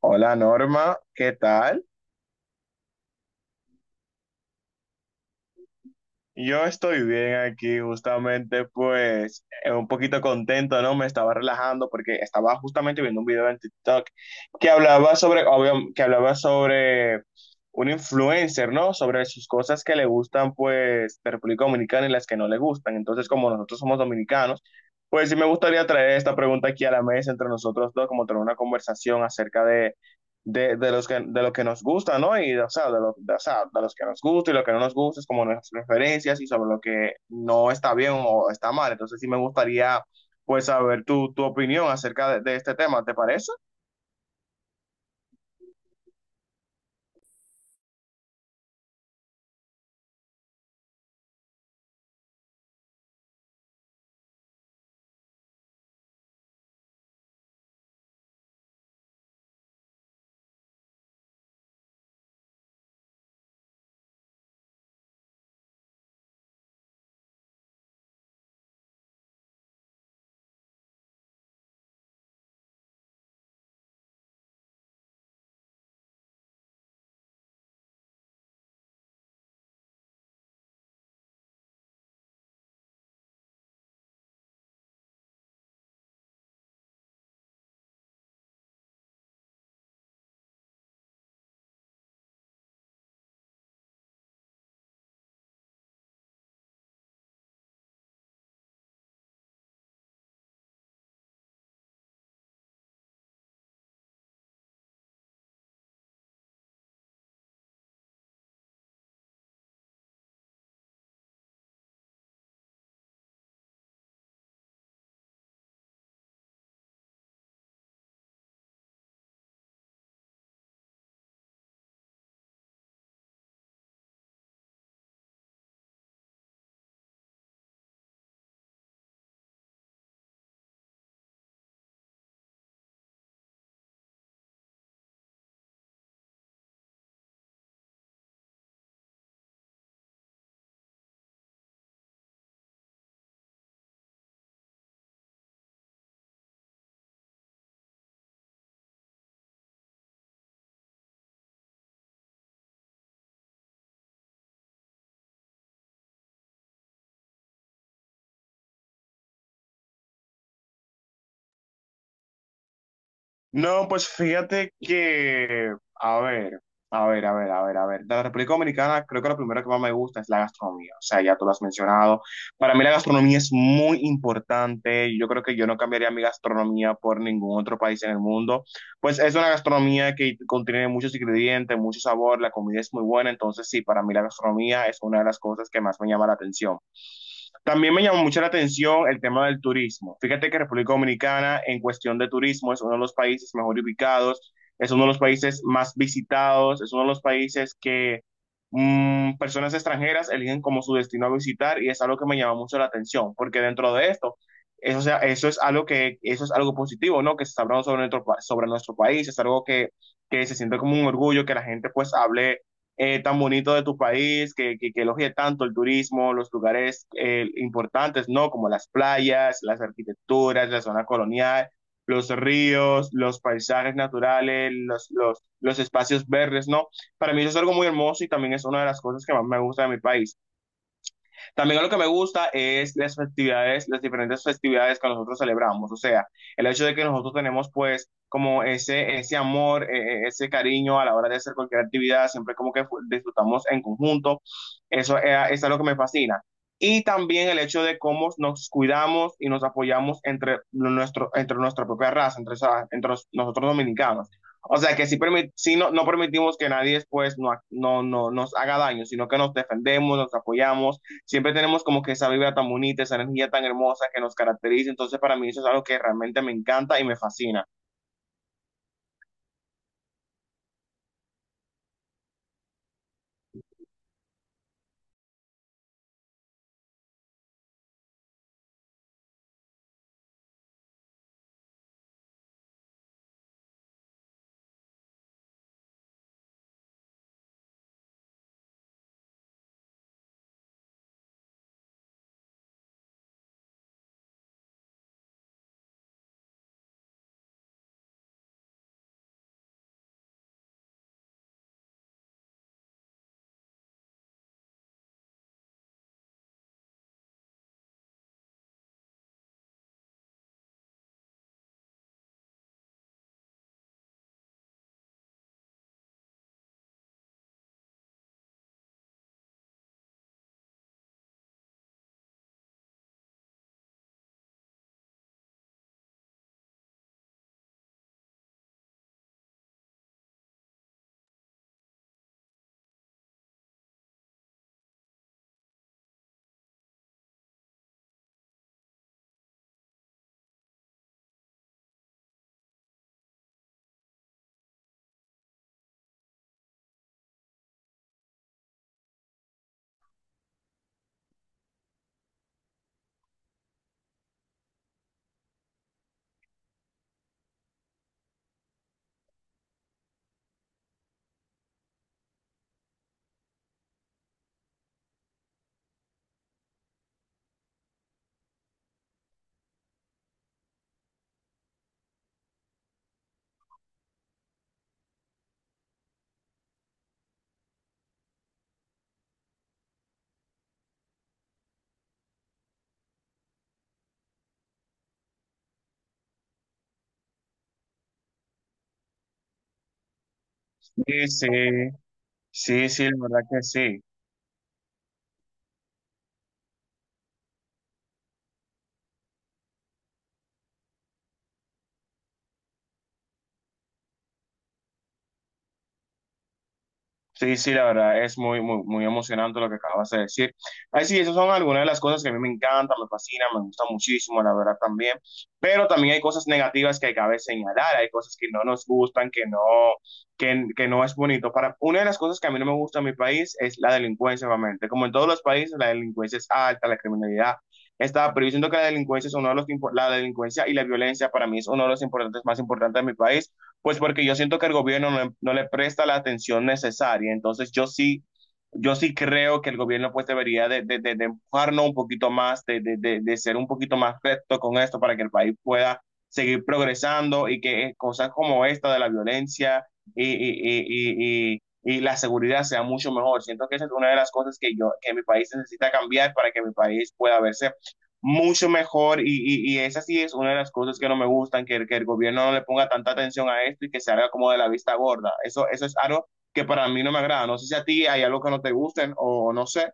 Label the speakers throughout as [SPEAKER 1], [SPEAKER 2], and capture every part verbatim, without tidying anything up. [SPEAKER 1] Hola Norma, ¿qué tal? Yo estoy bien aquí justamente pues eh, un poquito contento, ¿no? Me estaba relajando porque estaba justamente viendo un video en TikTok que hablaba sobre, obvio, que hablaba sobre un influencer, ¿no? Sobre sus cosas que le gustan pues de República Dominicana y las que no le gustan. Entonces, como nosotros somos dominicanos, pues sí me gustaría traer esta pregunta aquí a la mesa entre nosotros dos, como tener una conversación acerca de de, de, los que, de lo que nos gusta, ¿no? Y, o sea, de, lo, de, o sea, de los que nos gusta y lo que no nos gusta, es como nuestras preferencias y sobre lo que no está bien o está mal. Entonces sí me gustaría, pues, saber tu, tu opinión acerca de, de este tema, ¿te parece? No, pues fíjate que, a ver, a ver, a ver, a ver, a ver. De la República Dominicana, creo que lo primero que más me gusta es la gastronomía. O sea, ya tú lo has mencionado. Para mí la gastronomía es muy importante. Yo creo que yo no cambiaría mi gastronomía por ningún otro país en el mundo. Pues es una gastronomía que contiene muchos ingredientes, mucho sabor, la comida es muy buena. Entonces, sí, para mí la gastronomía es una de las cosas que más me llama la atención. También me llamó mucho la atención el tema del turismo. Fíjate que República Dominicana, en cuestión de turismo, es uno de los países mejor ubicados, es uno de los países más visitados, es uno de los países que mm, personas extranjeras eligen como su destino a visitar y es algo que me llama mucho la atención, porque dentro de esto, eso, sea, eso es algo que, eso es algo positivo, ¿no? Que se está hablando sobre nuestro, pa- sobre nuestro país, es algo que, que se siente como un orgullo, que la gente pues hable eh, tan bonito de tu país, que, que, que elogie tanto el turismo, los lugares eh, importantes, ¿no? Como las playas, las arquitecturas, la zona colonial, los ríos, los paisajes naturales, los, los, los espacios verdes, ¿no? Para mí eso es algo muy hermoso y también es una de las cosas que más me gusta de mi país. También algo que me gusta es las festividades, las diferentes festividades que nosotros celebramos, o sea, el hecho de que nosotros tenemos pues como ese, ese amor, eh, eh, ese cariño a la hora de hacer cualquier actividad, siempre como que fu- disfrutamos en conjunto, eso es, es algo que me fascina. Y también el hecho de cómo nos cuidamos y nos apoyamos entre, nuestro, entre nuestra propia raza, entre, esa- entre los- nosotros dominicanos. O sea que sí, permi- sí no, no permitimos que nadie después no, ha- no, no, nos haga daño, sino que nos defendemos, nos apoyamos. Siempre tenemos como que esa vibra tan bonita, esa energía tan hermosa que nos caracteriza. Entonces, para mí eso es algo que realmente me encanta y me fascina. Sí, sí, sí, sí, la verdad que sí. Sí, sí, la verdad es muy, muy, muy emocionante lo que acabas de decir. Ay, sí, esas son algunas de las cosas que a mí me encantan, me fascinan, me gusta muchísimo, la verdad también. Pero también hay cosas negativas que cabe señalar, hay cosas que no nos gustan, que no, que, que no es bonito. Para, una de las cosas que a mí no me gusta en mi país es la delincuencia, obviamente. Como en todos los países, la delincuencia es alta, la criminalidad está, pero yo siento que la delincuencia es uno de los, impo- la delincuencia y la violencia para mí es uno de los importantes, más importantes de mi país pues porque yo siento que el gobierno no, no le presta la atención necesaria. Entonces yo sí, yo sí creo que el gobierno pues debería de, de, de- de empujarnos un poquito más, de, de, de- de ser un poquito más recto con esto para que el país pueda seguir progresando y que eh, cosas como esta de la violencia y, y, y, y, y- y la seguridad sea mucho mejor. Siento que esa es una de las cosas que yo, que mi país necesita cambiar para que mi país pueda verse mucho mejor y, y, y, esa sí es una de las cosas que no me gustan, que, que el gobierno no le ponga tanta atención a esto y que se haga como de la vista gorda. Eso, eso es algo que para mí no me agrada. No sé si a ti hay algo que no te gusten o no sé.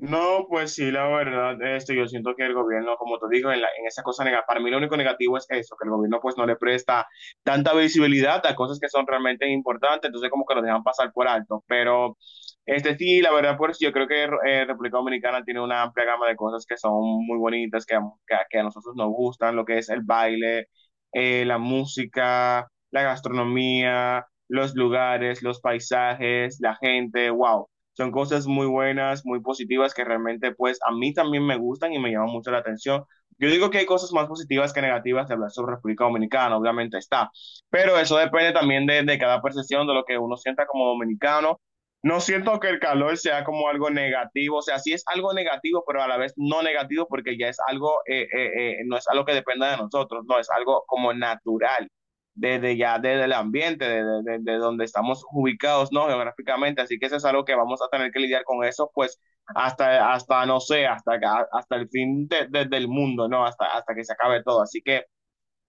[SPEAKER 1] No, pues sí, la verdad, este, yo siento que el gobierno, como te digo, en, la- en esa cosa negativa, para mí lo único negativo es eso, que el gobierno pues no le presta tanta visibilidad a cosas que son realmente importantes, entonces como que lo dejan pasar por alto, pero este sí, la verdad, pues yo creo que eh, República Dominicana tiene una amplia gama de cosas que son muy bonitas, que, a- que, a- que a nosotros nos gustan, lo que es el baile, eh, la música, la gastronomía, los lugares, los paisajes, la gente, wow. Son cosas muy buenas, muy positivas que realmente pues a mí también me gustan y me llaman mucho la atención. Yo digo que hay cosas más positivas que negativas de hablar sobre República Dominicana, obviamente está, pero eso depende también de, de cada percepción, de lo que uno sienta como dominicano. No siento que el calor sea como algo negativo, o sea, sí es algo negativo, pero a la vez no negativo porque ya es algo, eh, eh, eh, no es algo que dependa de nosotros, no, es algo como natural desde ya desde el ambiente, desde, desde donde estamos ubicados, ¿no? Geográficamente, así que eso es algo que vamos a tener que lidiar con eso, pues hasta, hasta no sé, hasta, hasta el fin de, de, del mundo, ¿no? Hasta, hasta que se acabe todo, así que,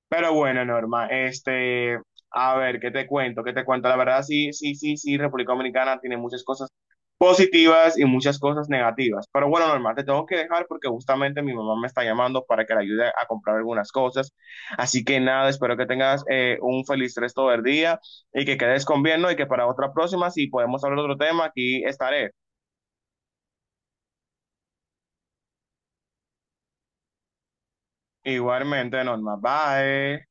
[SPEAKER 1] pero bueno, Norma, este, a ver, ¿qué te cuento? ¿Qué te cuento? La verdad, sí, sí, sí, sí, República Dominicana tiene muchas cosas positivas y muchas cosas negativas. Pero bueno, normal, te tengo que dejar porque justamente mi mamá me está llamando para que la ayude a comprar algunas cosas. Así que nada, espero que tengas eh, un feliz resto del día y que quedes con bien, ¿no? Y que para otra próxima, si podemos hablar de otro tema, aquí estaré. Igualmente, normal, bye.